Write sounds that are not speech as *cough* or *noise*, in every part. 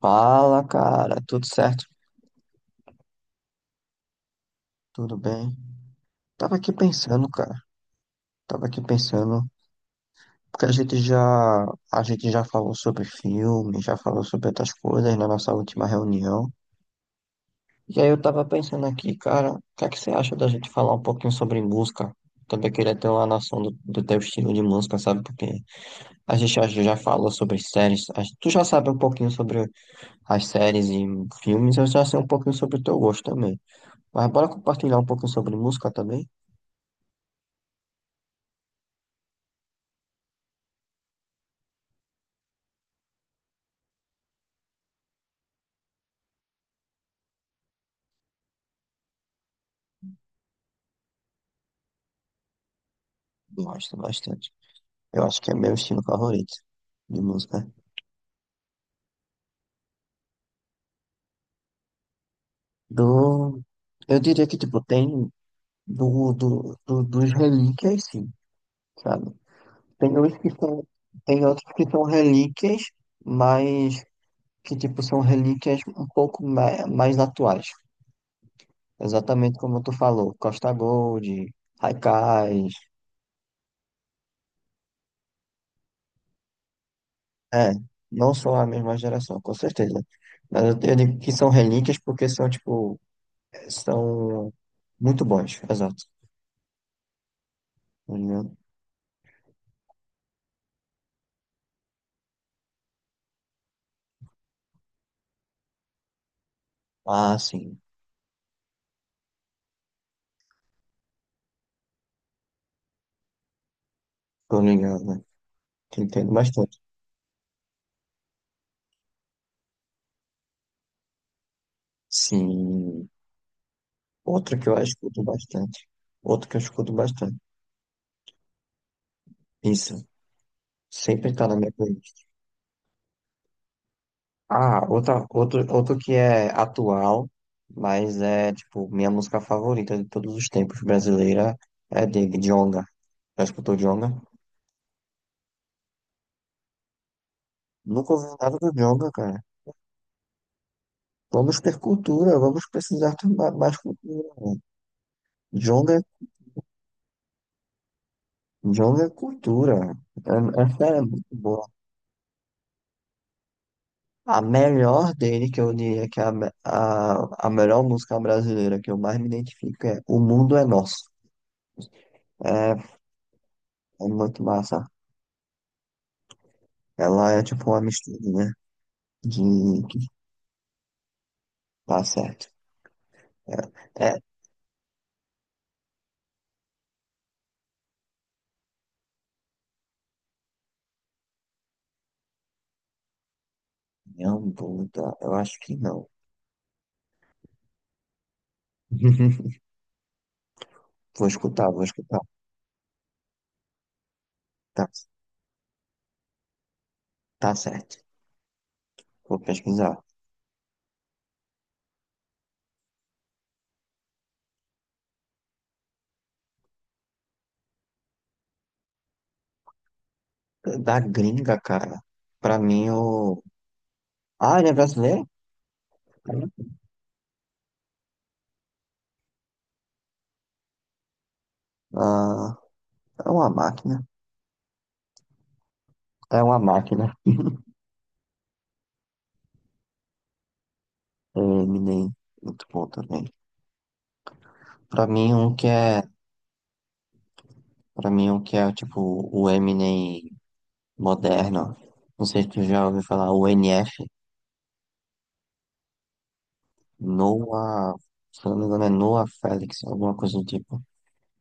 Fala, cara, tudo certo? Tudo bem? Tava aqui pensando, cara. Tava aqui pensando, porque a gente já falou sobre filme, já falou sobre outras coisas na nossa última reunião. E aí eu tava pensando aqui, cara, o que é que você acha da gente falar um pouquinho sobre música? Também queria ter uma noção do teu estilo de música, sabe? Porque a gente já falou sobre séries. Tu já sabe um pouquinho sobre as séries e filmes, eu já sei um pouquinho sobre o teu gosto também. Mas bora compartilhar um pouquinho sobre música também? Gosto bastante. Eu acho que é meu estilo favorito de música. Do... Eu diria que, tipo, tem dos relíquias, sim, sabe? Tem outros que são, tem outros que são relíquias, mas que, tipo, são relíquias um pouco mais atuais. Exatamente como tu falou, Costa Gold, Haikais. É, não são a mesma geração, com certeza. Mas eu digo que são relíquias porque são muito bons, exato. Tô ligado? Ah, sim. Tô ligado, né? Te entendo bastante. Sim. Outra que eu escuto bastante. Outra que eu escuto bastante. Isso. Sempre tá na minha playlist. Ah, outro que é atual, mas é, tipo, minha música favorita de todos os tempos brasileira é de Djonga. Já escutou Djonga? Nunca ouvi nada do Djonga, cara. Vamos ter cultura, vamos precisar ter mais cultura, né? Djonga, Djonga é cultura. Sério, é muito boa. A melhor dele, que eu diria que é a melhor música brasileira que eu mais me identifico é O Mundo é Nosso. É, é muito massa. Ela é tipo uma misturinha de que tá certo. É, é minha bunda, eu acho que não. *laughs* Vou escutar, vou escutar. Tá, tá certo. Vou pesquisar. Da gringa, cara. Pra mim, o. Ah, ele é brasileiro? Ah, é uma máquina. É uma máquina. É, Eminem, muito bom também. Pra mim, um que é, pra mim, um que é tipo o Eminem moderno. Não sei se tu já ouviu falar, o NF, Noah, se eu não me engano, é Noah Felix, alguma coisa do tipo.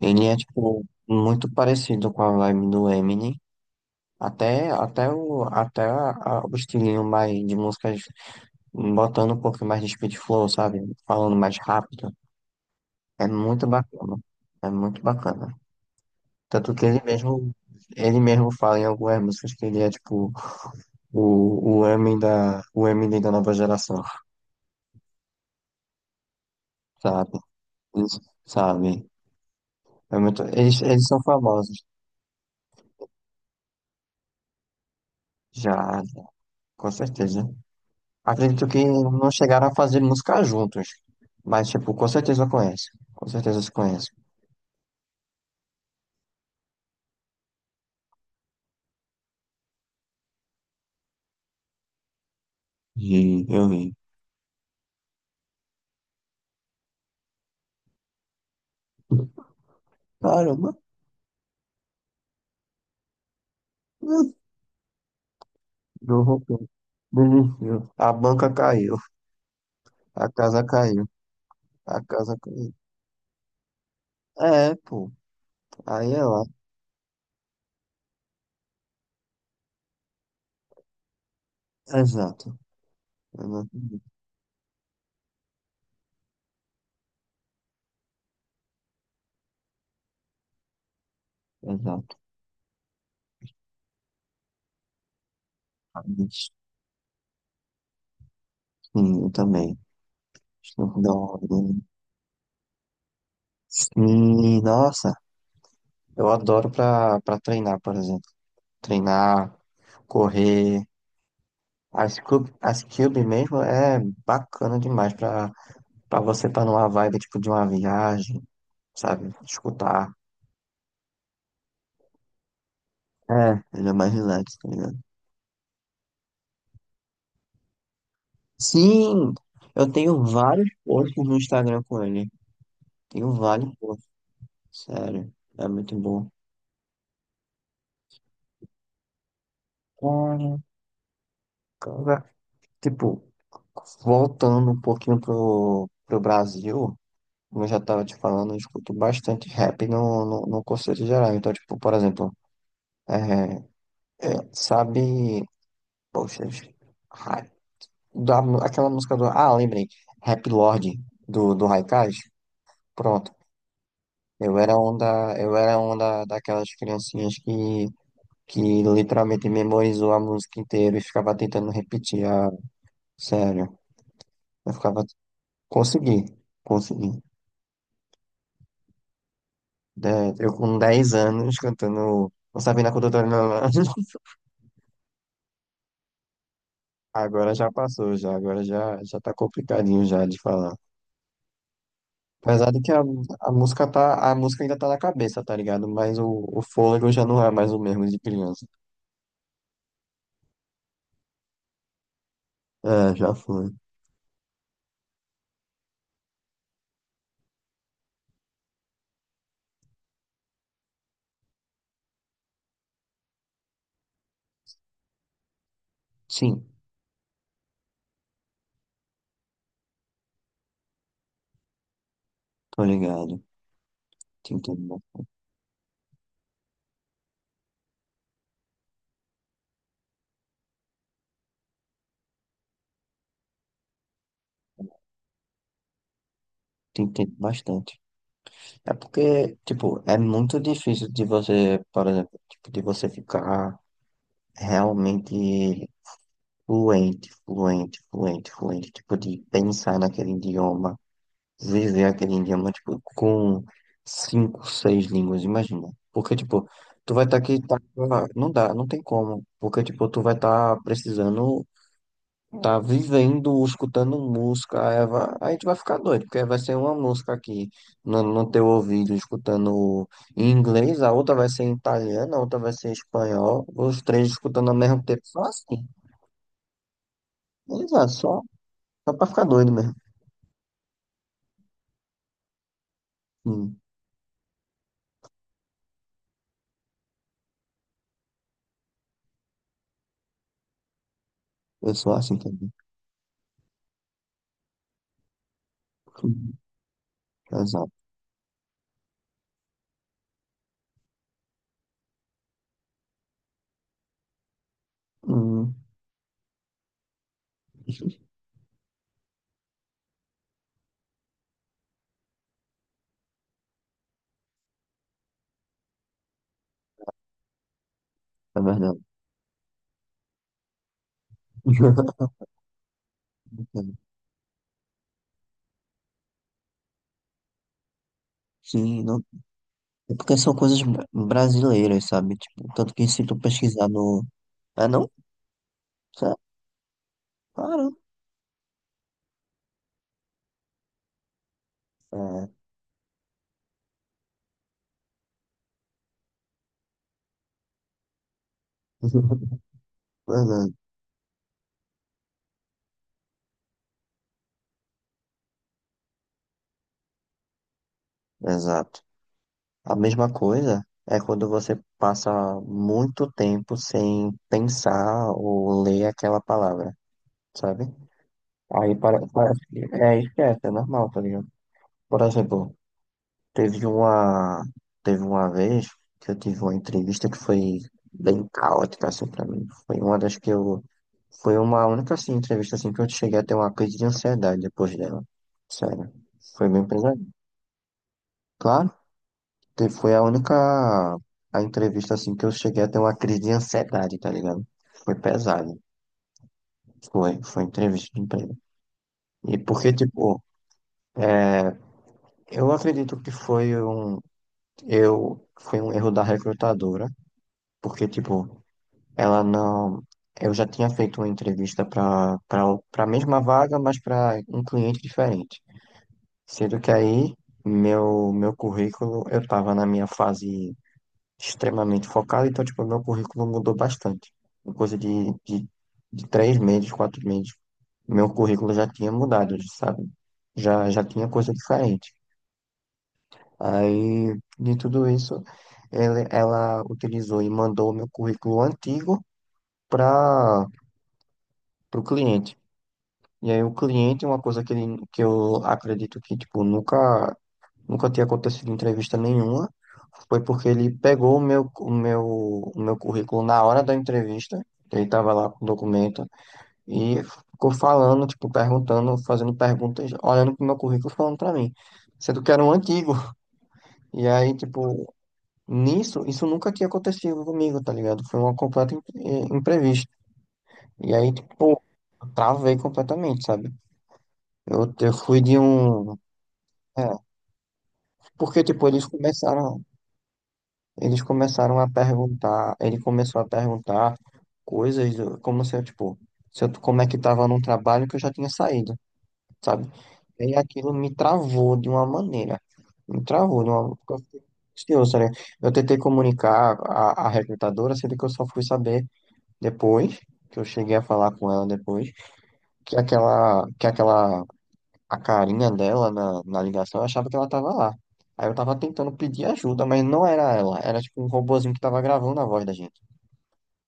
Ele é tipo muito parecido com a vibe do Eminem. Até, até, o, até a- O estilinho mais de músicas, botando um pouco mais de speed flow, sabe? Falando mais rápido. É muito bacana. É muito bacana. Tanto que ele mesmo fala em algumas músicas que ele é tipo O, o Eminem da nova geração, sabe? Eles, sabe? É muito, eles são famosos, já, já, com certeza. Acredito que não chegaram a fazer música juntos, mas, tipo, com certeza eu conheço. Com certeza se conhece. E eu vi. Caramba, *laughs* meu roupão desistiu. A banca caiu, a casa caiu, a casa caiu. É, pô, aí é lá. Exato. Eu não acredito. Exato. Sim, eu também. Dog. Sim, nossa, eu adoro pra treinar, por exemplo. Treinar, correr. As cube mesmo é bacana demais pra você estar numa vibe tipo de uma viagem, sabe? Escutar. É, ele é mais relax, tá ligado? Sim, eu tenho vários posts no Instagram com ele. Tenho vários posts, sério. É muito bom. Olha, cara, tipo, voltando um pouquinho pro Brasil. Como eu já estava te falando, eu escuto bastante rap no conceito geral. Então, tipo, por exemplo, é, sabe, poxa, ra- aquela música ah, lembrei, Rap Lord do Haikais? Pronto. Eu era um da, eu era um da, daquelas criancinhas que literalmente memorizou a música inteira e ficava tentando repetir. Ah, sério, eu ficava, consegui, consegui. Eu com 10 anos cantando, não sabia na condutora, não. *laughs* Agora já passou, já tá complicadinho já de falar. Apesar de que a música ainda tá na cabeça, tá ligado? Mas o fôlego já não é mais o mesmo de criança. É, já foi. Sim, tô ligado. Te entendo, te entendo bastante. É porque, tipo, é muito difícil de você, por exemplo, tipo, de você ficar realmente fluente, fluente, fluente, fluente, tipo, de pensar naquele idioma viver aquele idioma, tipo, com cinco, seis línguas, imagina. Porque, tipo, tu vai estar aqui, tá, não dá, não tem como. Porque, tipo, tu vai estar precisando, tá vivendo, escutando música, aí, aí tu vai ficar doido, porque vai ser uma música aqui no teu ouvido, escutando em inglês, a outra vai ser em italiano, a outra vai ser em espanhol, os três escutando ao mesmo tempo, só assim. Exato, só pra ficar doido mesmo. Hum, eu sou assim também. Hum, Exato. Hum. É verdade. *laughs* Sim, não. É porque são coisas brasileiras, sabe? Tipo, tanto que se tu pesquisar no. Ah, não? Sé- Claro. É. *laughs* Verdade. Exato. A mesma coisa é quando você passa muito tempo sem pensar ou ler aquela palavra, sabe? Aí parece que é esquece, é normal, tá ligado? Por exemplo, Teve uma, teve uma vez que eu tive uma entrevista que foi bem caótica, assim, pra mim. Foi uma única, assim, entrevista, assim, que eu cheguei a ter uma crise de ansiedade depois dela. Sério. Foi bem pesado. Claro, foi a única, a entrevista, assim, que eu cheguei a ter uma crise de ansiedade, tá ligado? Foi pesado. Foi entrevista de emprego. E porque, tipo, eu acredito que foi um erro da recrutadora. Porque, tipo, ela não. Eu já tinha feito uma entrevista para a mesma vaga, mas para um cliente diferente. Sendo que aí, meu currículo, eu estava na minha fase extremamente focada, então, tipo, meu currículo mudou bastante. Em coisa de 3 meses, 4 meses, meu currículo já tinha mudado, sabe? Já tinha coisa diferente. Aí, de tudo isso, ela utilizou e mandou o meu currículo antigo para o cliente. E aí o cliente, uma coisa que eu acredito que, tipo, nunca, nunca tinha acontecido em entrevista nenhuma, foi porque ele pegou o meu currículo na hora da entrevista, ele estava lá com o documento, e ficou falando, tipo, perguntando, fazendo perguntas, olhando pro meu currículo, falando pra mim, sendo que era um antigo. E aí, tipo, isso nunca tinha acontecido comigo, tá ligado? Foi uma completa imprevista. E aí, tipo, eu travei completamente, sabe? Eu fui de um... é, Porque, tipo, ele começou a perguntar coisas do- como se eu, tipo, se eu, como é que tava num trabalho que eu já tinha saído, sabe? E aquilo me travou de uma maneira, me travou de uma, porque eu fiquei ansioso, tá. Eu tentei comunicar a recrutadora, sendo que eu só fui saber depois, que eu cheguei a falar com ela depois, que aquela a carinha dela na ligação, eu achava que ela tava lá. Aí eu tava tentando pedir ajuda, mas não era ela. Era tipo um robozinho que tava gravando a voz da gente,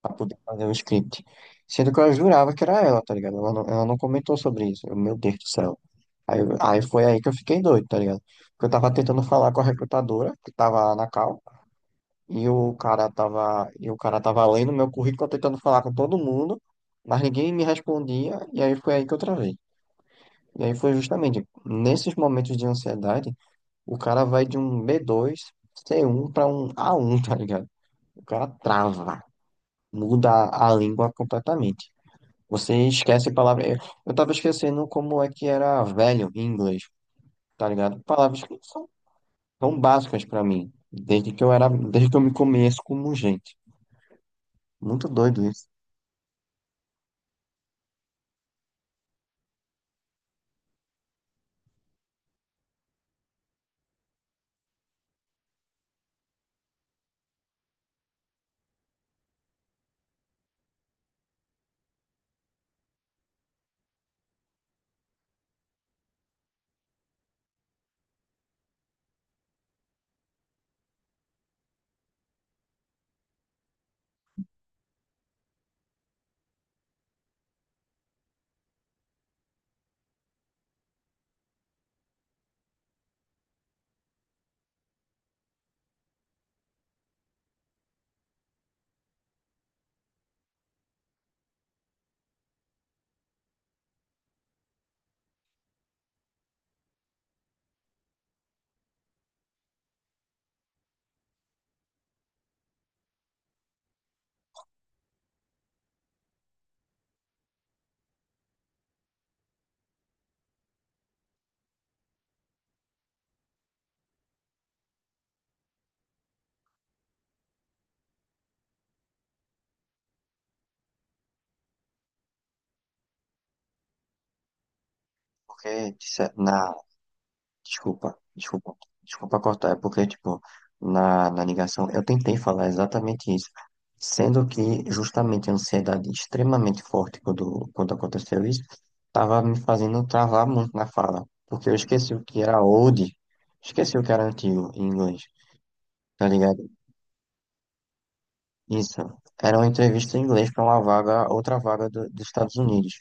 pra poder fazer o script. Sendo que eu jurava que era ela, tá ligado? Ela não comentou sobre isso. Meu Deus do céu. Aí, aí foi aí que eu fiquei doido, tá ligado? Porque eu tava tentando falar com a recrutadora, que tava lá na cal, e o cara tava lendo meu currículo, tentando falar com todo mundo, mas ninguém me respondia, e aí foi aí que eu travei. E aí foi justamente nesses momentos de ansiedade o cara vai de um B2, C1 pra um A1, tá ligado? O cara trava, muda a língua completamente. Você esquece palavras. Eu tava esquecendo como é que era velho em inglês, tá ligado? Palavras que são tão básicas pra mim, desde que eu me conheço como gente. Muito doido isso. Porque de cer- na Desculpa, desculpa, desculpa cortar, é porque, tipo, na ligação eu tentei falar exatamente isso, sendo que justamente a ansiedade extremamente forte quando aconteceu isso, tava me fazendo travar muito na fala, porque eu esqueci o que era old, esqueci o que era antigo em inglês, tá ligado? Isso, era uma entrevista em inglês para uma vaga, outra vaga dos Estados Unidos.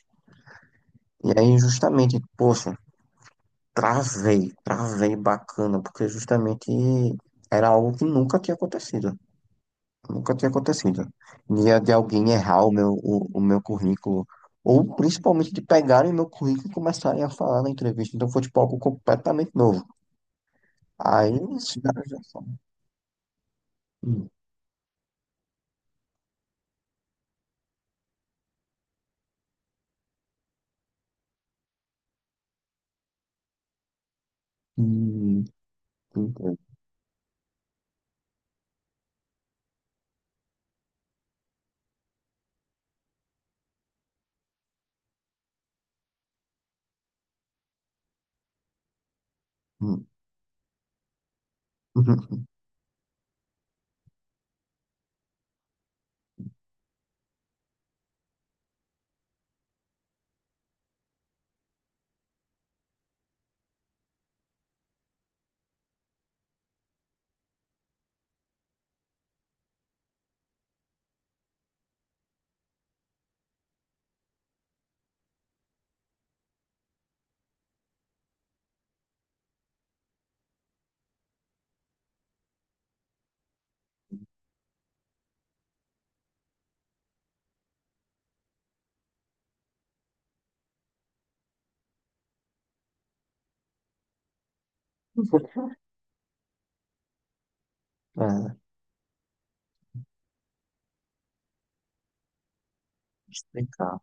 E aí, justamente, poxa, travei, travei bacana, porque justamente era algo que nunca tinha acontecido. Nunca tinha acontecido. Dia de alguém errar o meu, o meu currículo, ou principalmente de pegarem meu currículo e começarem a falar na entrevista. Então foi tipo algo completamente novo. Aí, isso já já só. Hum, hum, hum, hum. *laughs* É, explicar.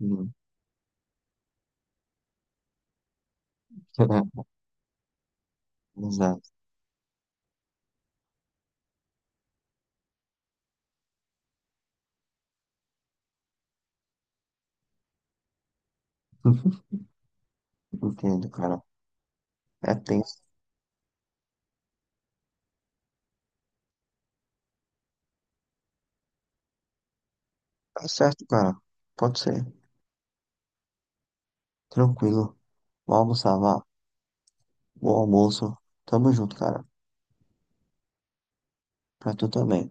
Hum. *laughs* Exato. Entendo, cara. É tenso. Tá certo, cara. Pode ser. Tranquilo. Vou almoçar, vá. Bom almoço. Tamo junto, cara. Pra tu também.